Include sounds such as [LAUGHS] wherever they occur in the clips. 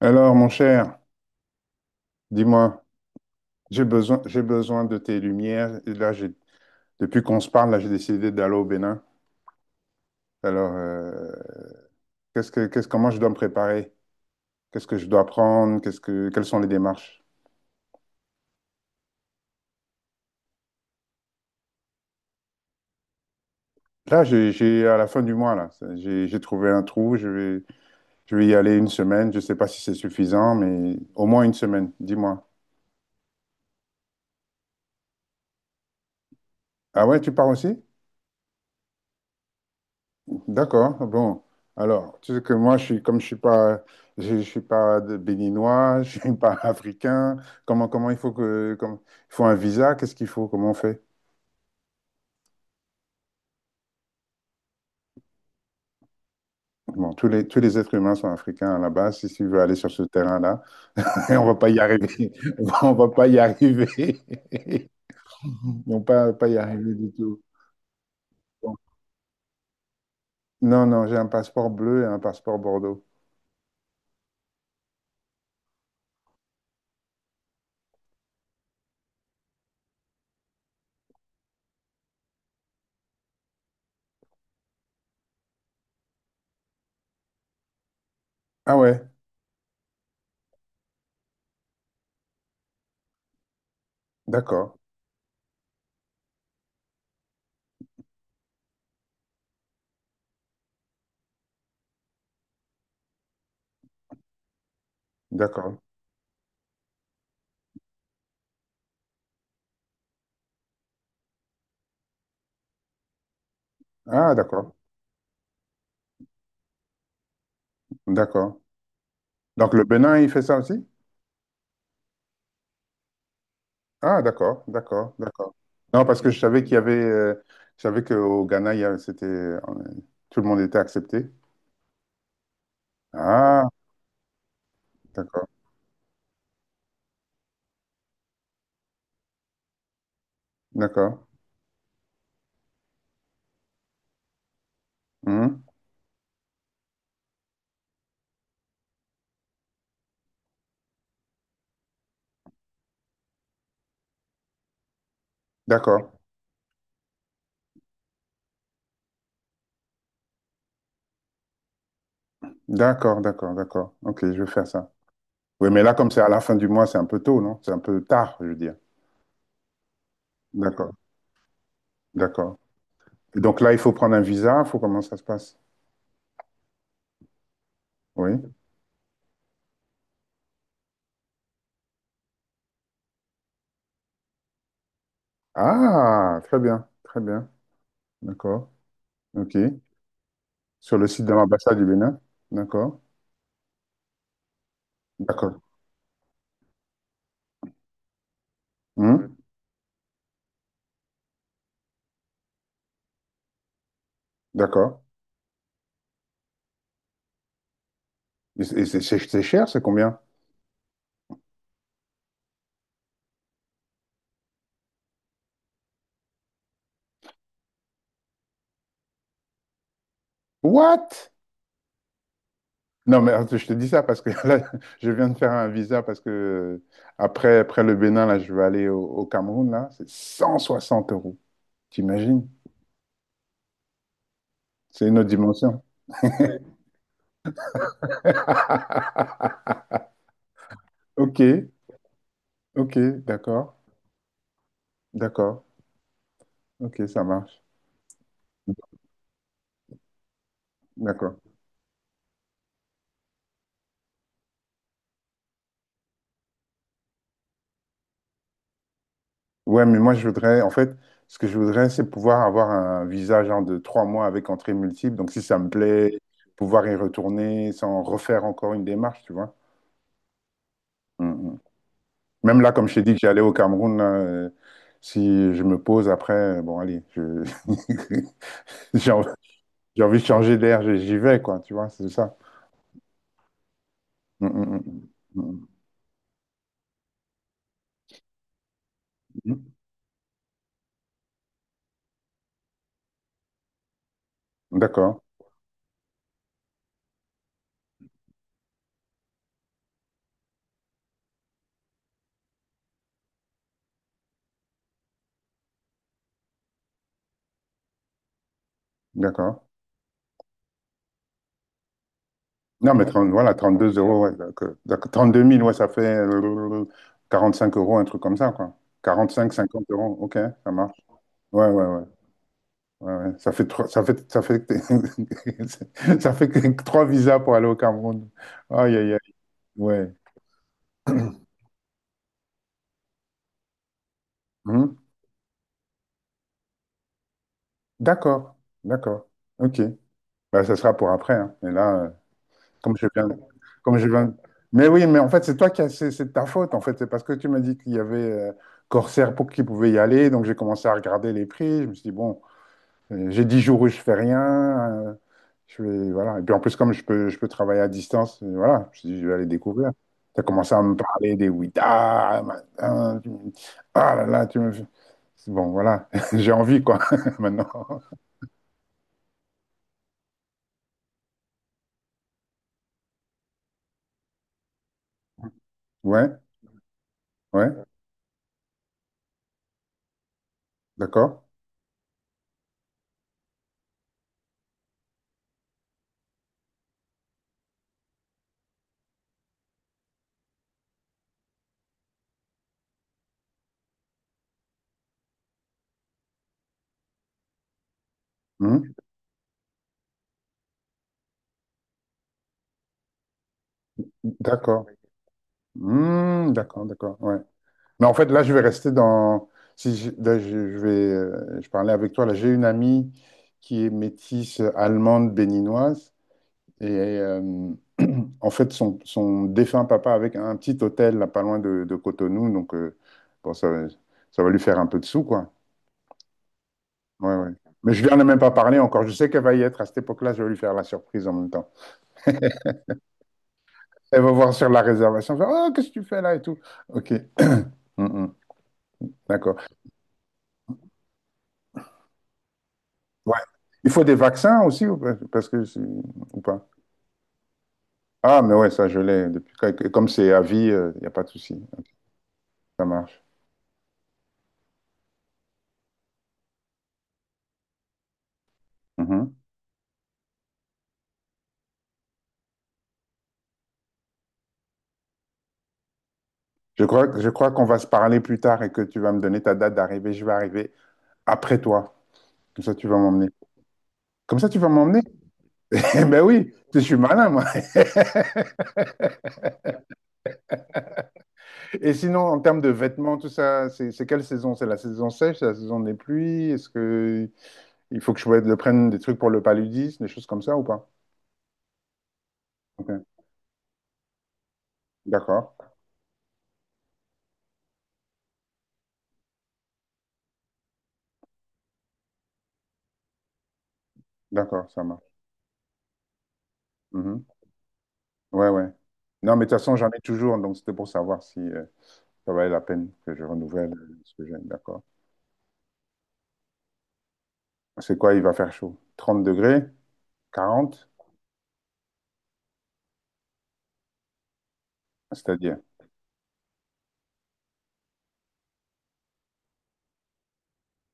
Alors, mon cher, dis-moi, j'ai besoin de tes lumières. Et là, depuis qu'on se parle, là, j'ai décidé d'aller au Bénin. Alors, comment je dois me préparer? Qu'est-ce que je dois prendre? Quelles sont les démarches? Là, à la fin du mois, là, j'ai trouvé un trou. Je vais y aller une semaine. Je ne sais pas si c'est suffisant, mais au moins une semaine. Dis-moi. Ah ouais, tu pars aussi? D'accord, bon. Alors, tu sais que moi, comme je suis pas, je suis pas béninois, [LAUGHS] je suis pas [LAUGHS] africain. Comment il faut un visa, qu'est-ce qu'il faut, comment on fait? Bon, tous les êtres humains sont africains à la base. Si tu veux aller sur ce terrain-là, [LAUGHS] on va pas y arriver. [LAUGHS] On va pas y arriver. [LAUGHS] Non, pas y arriver du tout. Bon. Non, non, j'ai un passeport bleu et un passeport bordeaux. Ah ouais, d'accord, d'accord. Ah, d'accord, d'accord. Donc le Bénin, il fait ça aussi? Ah, d'accord, d'accord, d'accord. Non, parce que je savais qu'au Ghana, c'était, tout le monde était accepté. Ah, d'accord, d'accord, mhm, d'accord, d'accord, d'accord, d'accord. Ok, je vais faire ça. Oui, mais là, comme c'est à la fin du mois, c'est un peu tôt, non? C'est un peu tard, je veux dire. D'accord, d'accord. Et donc là, il faut prendre un visa, il faut comment ça se passe? Oui. Ah, très bien, d'accord, ok. Sur le site de l'ambassade du Bénin, d'accord, d'accord, mhm, d'accord. Et c'est cher, c'est combien? What? Non, mais attends, je te dis ça parce que [LAUGHS] là, je viens de faire un visa parce que après le Bénin, là, je vais aller au Cameroun, là. C'est 160 euros. T'imagines? C'est une autre dimension. Ok, ok, d'accord, d'accord. Ok, ça marche. D'accord. Ouais, mais moi, je voudrais, en fait, ce que je voudrais, c'est pouvoir avoir un visa genre de 3 mois avec entrée multiple. Donc, si ça me plaît, pouvoir y retourner sans refaire encore une démarche, tu vois. Mm. Même là, comme je t'ai dit que j'allais au Cameroun, là, si je me pose après, bon, allez, [LAUGHS] j'ai envie, j'ai envie de changer d'air, j'y vais, quoi, tu vois, c'est ça. Mm, mm, mm, mm, mm. Mm. D'accord, d'accord. Non, mais 30, voilà, 32 euros, ouais, d'accord. D'accord. 32 000, ouais, ça fait 45 euros, un truc comme ça, quoi. 45, 50 euros, ok, ça marche. Ouais, ouais, ouais. Ouais, ouais. Ça fait trois, [LAUGHS] ça fait que trois visas pour aller au Cameroun. Aïe, aïe, aïe. Ouais. Hum? D'accord, d'accord. Ok. Bah, ça sera pour après, hein. Et là, comme je viens, comme je viens. Mais oui, mais en fait, c'est toi qui as, c'est de ta faute. En fait, c'est parce que tu m'as dit qu'il y avait Corsair pour qui pouvait y aller. Donc j'ai commencé à regarder les prix. Je me suis dit bon, j'ai 10 jours où je fais rien. Je vais, voilà. Et puis en plus, comme je peux travailler à distance, voilà. Je me suis dit je vais aller découvrir. Tu as commencé à me parler des Ouïda, machin, ah là là, tu me. Bon, voilà. [LAUGHS] J'ai envie quoi [LAUGHS] maintenant. Ouais, ouais. D'accord? Hmm, d'accord. Hmm, d'accord, d'accord. Ouais. Mais en fait, là, je vais rester dans. Si je, là, je vais, je parlais avec toi. Là, j'ai une amie qui est métisse allemande béninoise. Et euh, en fait, son défunt papa avait un petit hôtel là, pas loin de Cotonou. Donc, bon, ça va lui faire un peu de sous, quoi. Ouais, ouais. Mais je lui en ai même pas parlé encore. Je sais qu'elle va y être à cette époque-là. Je vais lui faire la surprise en même temps. Elle va voir sur la réservation. Elle va faire, oh, qu'est-ce que tu fais là et tout. OK. Hmm, hmm. D'accord. Ouais. Il faut des vaccins aussi, ou pas parce que ou pas. Ah, mais ouais, ça je l'ai depuis comme c'est à vie, il n'y a pas de souci. Ça marche. Mhm. Je crois qu'on va se parler plus tard et que tu vas me donner ta date d'arrivée. Je vais arriver après toi. Comme ça, tu vas m'emmener. Comme ça, tu vas m'emmener? [LAUGHS] Eh ben oui, je suis malin, moi. [LAUGHS] Et sinon, en termes de vêtements, tout ça, c'est quelle saison? C'est la saison sèche, c'est la saison des pluies? Est-ce que il faut que je le prenne des trucs pour le paludisme, des choses comme ça ou pas? Ok. D'accord. D'accord, ça marche. Mhm. Ouais, ouais. Non, mais de toute façon, j'en ai toujours, donc c'était pour savoir si ça valait la peine que je renouvelle ce que j'ai. D'accord. C'est quoi, il va faire chaud? 30 degrés? 40. C'est-à-dire.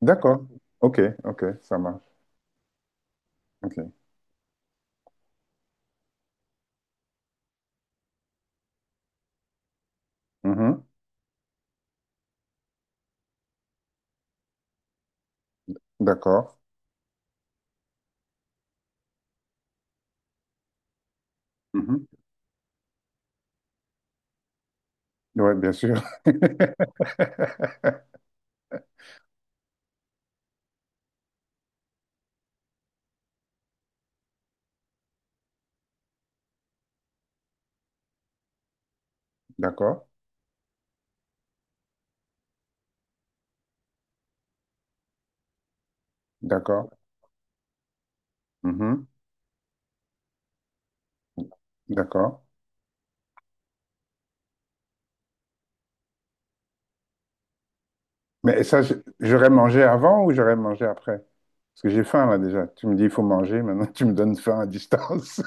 D'accord. Ok, ok, ça marche. Ok. Mhm. D'accord. Mhm. Ouais, bien sûr. [LAUGHS] D'accord, d'accord. Mhm. D'accord. Mais ça, j'aurais mangé avant ou j'aurais mangé après? Parce que j'ai faim là déjà. Tu me dis, il faut manger, maintenant [LAUGHS] tu me donnes faim à distance.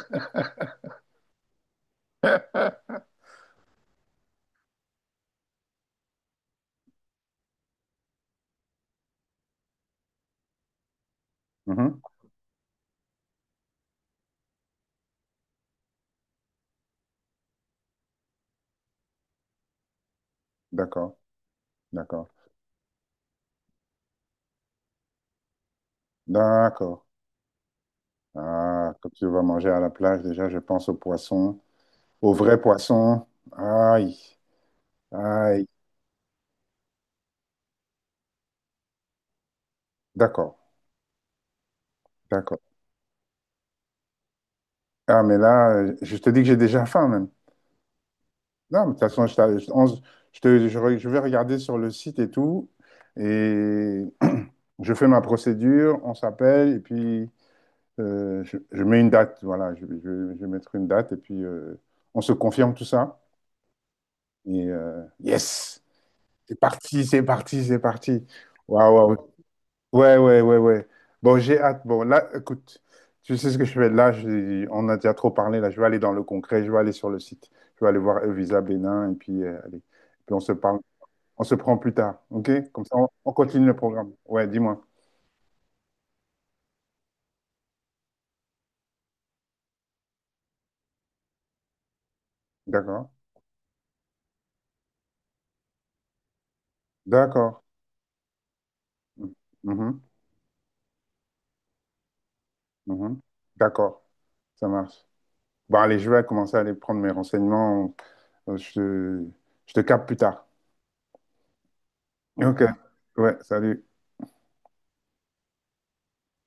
[LAUGHS] D'accord, d'accord, d'accord. Ah, quand tu vas manger à la plage, déjà, je pense aux poissons, aux vrais poissons. Aïe, aïe. D'accord, d'accord. Ah, mais là, je te dis que j'ai déjà faim, même. Non, mais de toute façon, je, t'a- je- on- je te, je re- je vais regarder sur le site et tout, et [CLEARS THROAT] je fais ma procédure, on s'appelle, et puis je mets une date, voilà, je vais mettre une date, et puis on se confirme tout ça. Et yes! C'est parti, c'est parti, c'est parti. Waouh, waouh. Ouais, ouais, ouais, ouais. Bon, j'ai hâte. Bon, là, écoute, tu sais ce que je fais. Là, on a déjà trop parlé. Là, je vais aller dans le concret. Je vais aller sur le site. Je vais aller voir Evisa Bénin. Et puis, allez. Puis on se parle. On se prend plus tard. OK? Comme ça, on continue le programme. Ouais, dis-moi. D'accord. D'accord. Mhm, mhm. D'accord. Ça marche. Bon, allez, je vais commencer à aller prendre mes renseignements. Euh, Je te, je te capte plus tard. OK. Ouais, salut.